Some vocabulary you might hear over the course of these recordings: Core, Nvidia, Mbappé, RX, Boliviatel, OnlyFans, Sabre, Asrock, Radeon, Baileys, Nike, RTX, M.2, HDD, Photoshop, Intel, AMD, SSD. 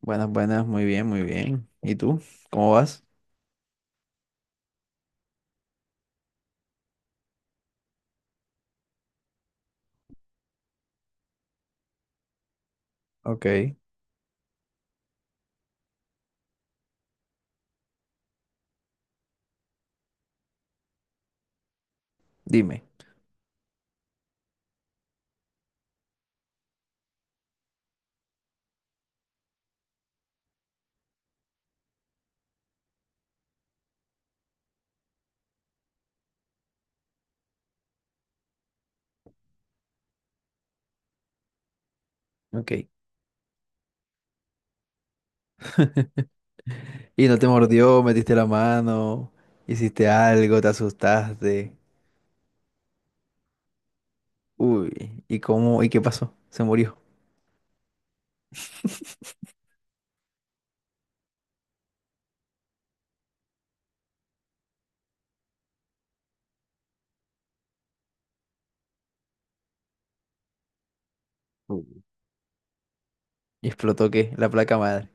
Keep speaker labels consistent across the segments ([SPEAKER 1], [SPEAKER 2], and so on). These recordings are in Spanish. [SPEAKER 1] Buenas, buenas, muy bien, muy bien. ¿Y tú? ¿Cómo vas? Ok, dime. Ok. ¿Y no te mordió? ¿Metiste la mano? ¿Hiciste algo? ¿Te asustaste? Uy, ¿y cómo? ¿Y qué pasó? Se murió. Uy. ¿Y explotó qué? La placa madre.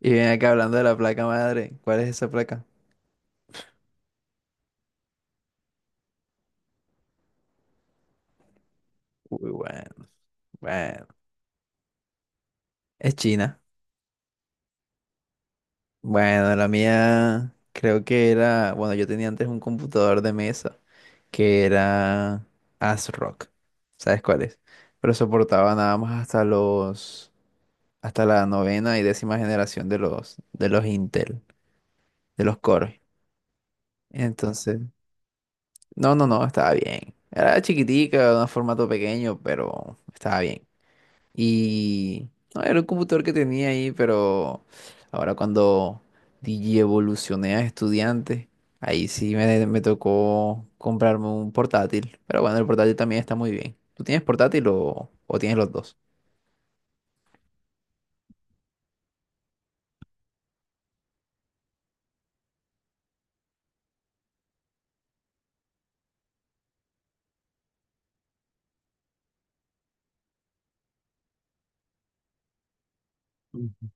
[SPEAKER 1] Y ven acá hablando de la placa madre. ¿Cuál es esa placa? Uy, bueno, bueno. Es china. Bueno, la mía creo que era, bueno, yo tenía antes un computador de mesa que era Asrock. ¿Sabes cuál es? Pero soportaba nada más hasta hasta la 9.ª y 10.ª generación de de los Intel, de los Core. Entonces, no, estaba bien. Era chiquitica, de un formato pequeño, pero estaba bien. Y no, era un computador que tenía ahí, pero ahora cuando DJ evolucioné a estudiante, ahí sí me tocó comprarme un portátil. Pero bueno, el portátil también está muy bien. ¿Tú tienes portátil o tienes los dos? Mm.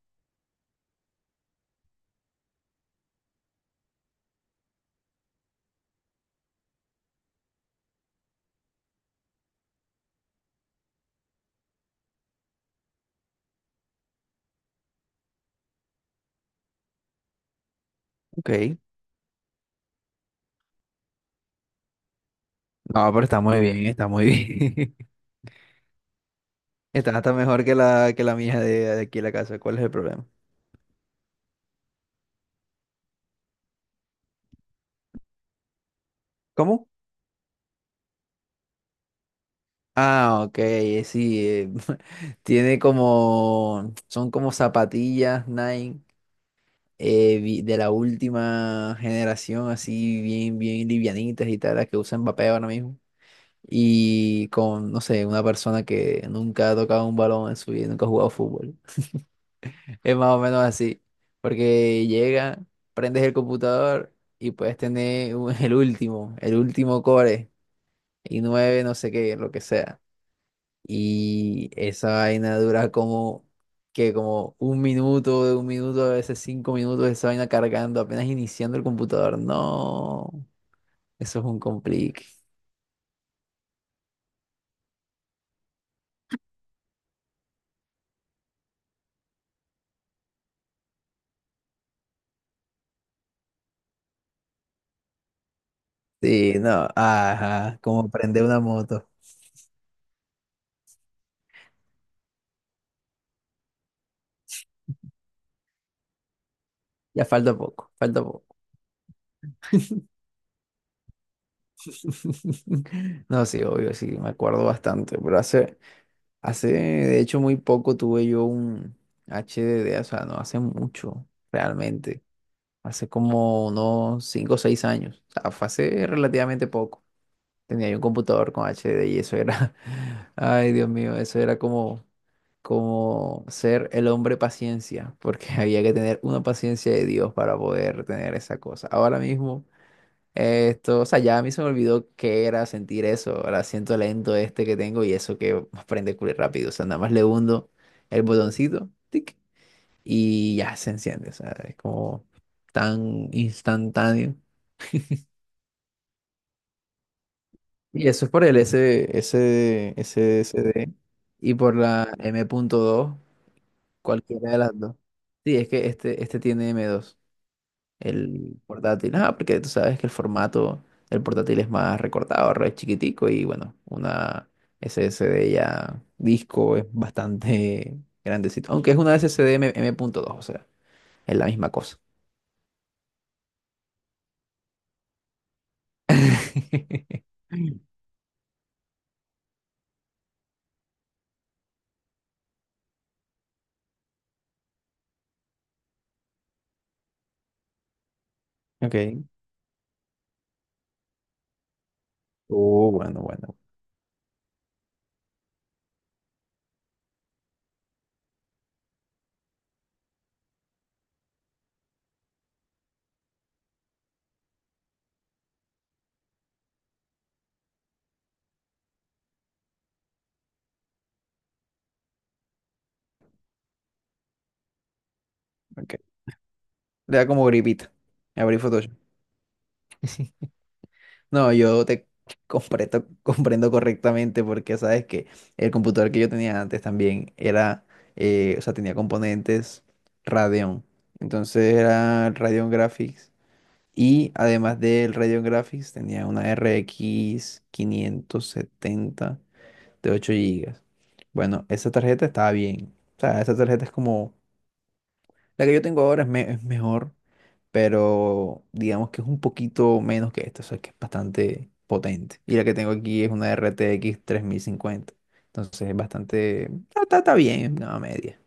[SPEAKER 1] Ok. No, pero está muy bien, está muy bien. Está hasta mejor que que la mía de aquí en la casa. ¿Cuál es el problema? ¿Cómo? Ah, ok, sí. Tiene como, son como zapatillas Nike de la última generación, así bien, bien livianitas y tal, las que usan Mbappé ahora mismo. Y con, no sé, una persona que nunca ha tocado un balón en su vida, nunca ha jugado fútbol. Es más o menos así, porque llega, prendes el computador y puedes tener el último core, y 9 no sé qué, lo que sea. Y esa vaina dura como, que como un minuto, de un minuto, a veces cinco minutos, esa vaina cargando, apenas iniciando el computador. No, eso es un complique. Sí, no, ajá, como prender una moto. Ya falta poco, falta poco. No, sí, obvio, sí, me acuerdo bastante, pero hace... Hace, de hecho, muy poco tuve yo un HDD, o sea, no hace mucho, realmente. Hace como unos 5 o 6 años. O sea, fue hace relativamente poco. Tenía yo un computador con HDD y eso era, ay Dios mío, eso era como, como ser el hombre paciencia, porque había que tener una paciencia de Dios para poder tener esa cosa. Ahora mismo... Esto, o sea, ya a mí se me olvidó qué era sentir eso, ahora siento lento este que tengo y eso que prende culo rápido. O sea, nada más le hundo el botoncito, tic, y ya se enciende. O sea, es como tan instantáneo. Y eso es por el SSD y por la M.2, cualquiera de las dos. Sí, es que este tiene m dos el portátil. Ah, porque tú sabes que el formato del portátil es más recortado, re chiquitico y bueno, una SSD ya disco es bastante grandecito. Aunque es una SSD M.2, o sea, es la misma cosa. Ok. Oh, bueno, bueno. Ok. Le da como gripita. Abrí Photoshop. No, yo te comprendo, comprendo correctamente porque sabes que el computador que yo tenía antes también era, o sea, tenía componentes Radeon. Entonces era Radeon Graphics y además del Radeon Graphics tenía una RX 70 de 8 gigas. Bueno, esa tarjeta estaba bien. O sea, esa tarjeta es como, la que yo tengo ahora es mejor, pero digamos que es un poquito menos que esta, o sea que es bastante potente. Y la que tengo aquí es una RTX 50, entonces es bastante, está bien, nada media.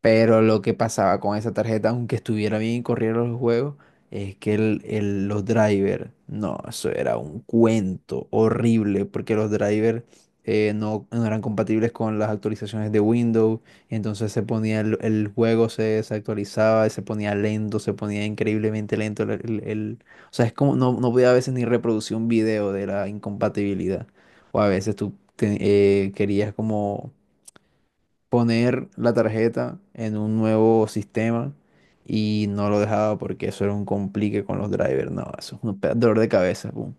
[SPEAKER 1] Pero lo que pasaba con esa tarjeta, aunque estuviera bien y corriera los juegos, es que los drivers, no, eso era un cuento horrible, porque los drivers no, no eran compatibles con las actualizaciones de Windows, y entonces se ponía el juego, se desactualizaba, y se ponía lento, se ponía increíblemente lento. O sea, es como no, no podía a veces ni reproducir un video de la incompatibilidad, o a veces querías como poner la tarjeta en un nuevo sistema y no lo dejaba porque eso era un complique con los drivers. No, eso es un dolor de cabeza. Pum.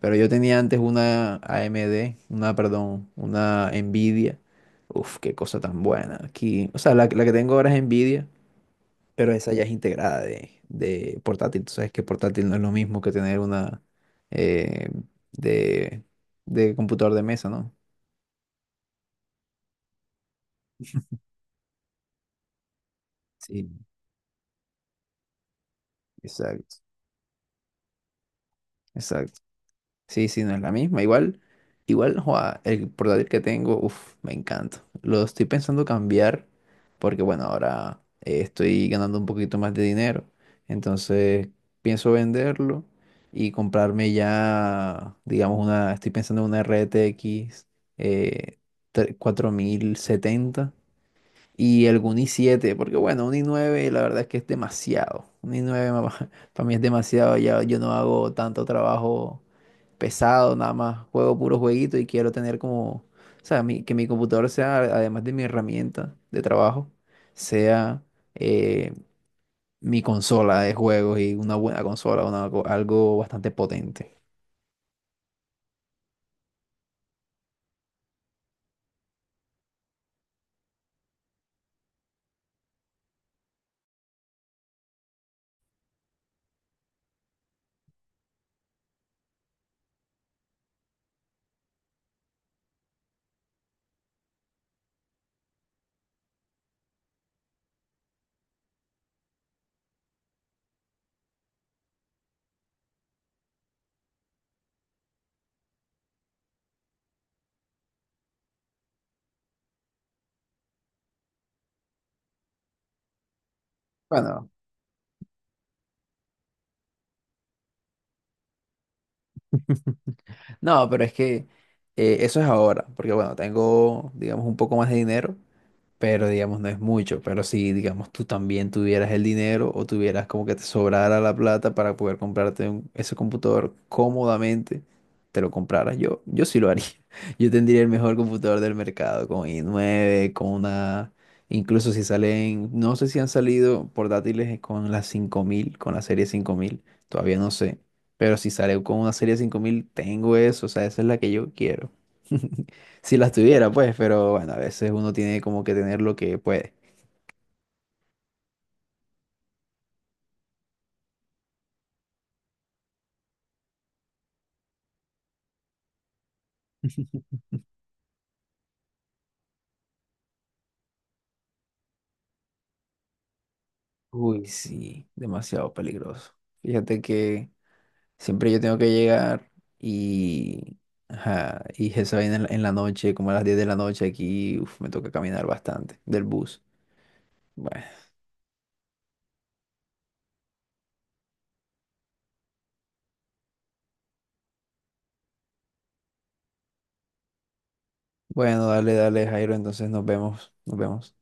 [SPEAKER 1] Pero yo tenía antes una AMD, una, perdón, una Nvidia. Uf, qué cosa tan buena. Aquí, o sea, la que tengo ahora es Nvidia, pero esa ya es integrada de portátil. Tú sabes que portátil no es lo mismo que tener una eh, de, de computador de mesa, ¿no? Sí. Exacto, exacto. Sí, sí, no es la misma. Igual, igual, joa, el portátil que tengo, uff, me encanta. Lo estoy pensando cambiar porque, bueno, ahora estoy ganando un poquito más de dinero. Entonces, pienso venderlo y comprarme ya, digamos, una, estoy pensando en una RTX eh, 4070 y algún i7, porque, bueno, un i9, la verdad es que es demasiado. Un i9 para mí es demasiado, ya yo no hago tanto trabajo pesado, nada más juego puro jueguito y quiero tener como, o sea, que mi computador sea, además de mi herramienta de trabajo, sea eh, mi consola de juegos y una buena consola, una algo bastante potente. Bueno, no, pero es que eso es ahora, porque bueno, tengo, digamos, un poco más de dinero pero digamos no es mucho, pero si digamos tú también tuvieras el dinero o tuvieras como que te sobrara la plata para poder comprarte ese computador cómodamente, te lo compraras yo sí lo haría. Yo tendría el mejor computador del mercado con i9, con una, incluso si salen, no sé si han salido portátiles con la 5000 con la serie 5000 todavía no sé, pero si sale con una serie 5000 tengo eso, o sea, esa es la que yo quiero. Si las tuviera, pues, pero bueno, a veces uno tiene como que tener lo que puede. Uy, sí, demasiado peligroso. Fíjate que siempre yo tengo que llegar y, ajá, y eso en en la noche, como a las 10 de la noche aquí, uf, me toca caminar bastante del bus. Bueno, bueno, dale, dale, Jairo, entonces nos vemos, nos vemos.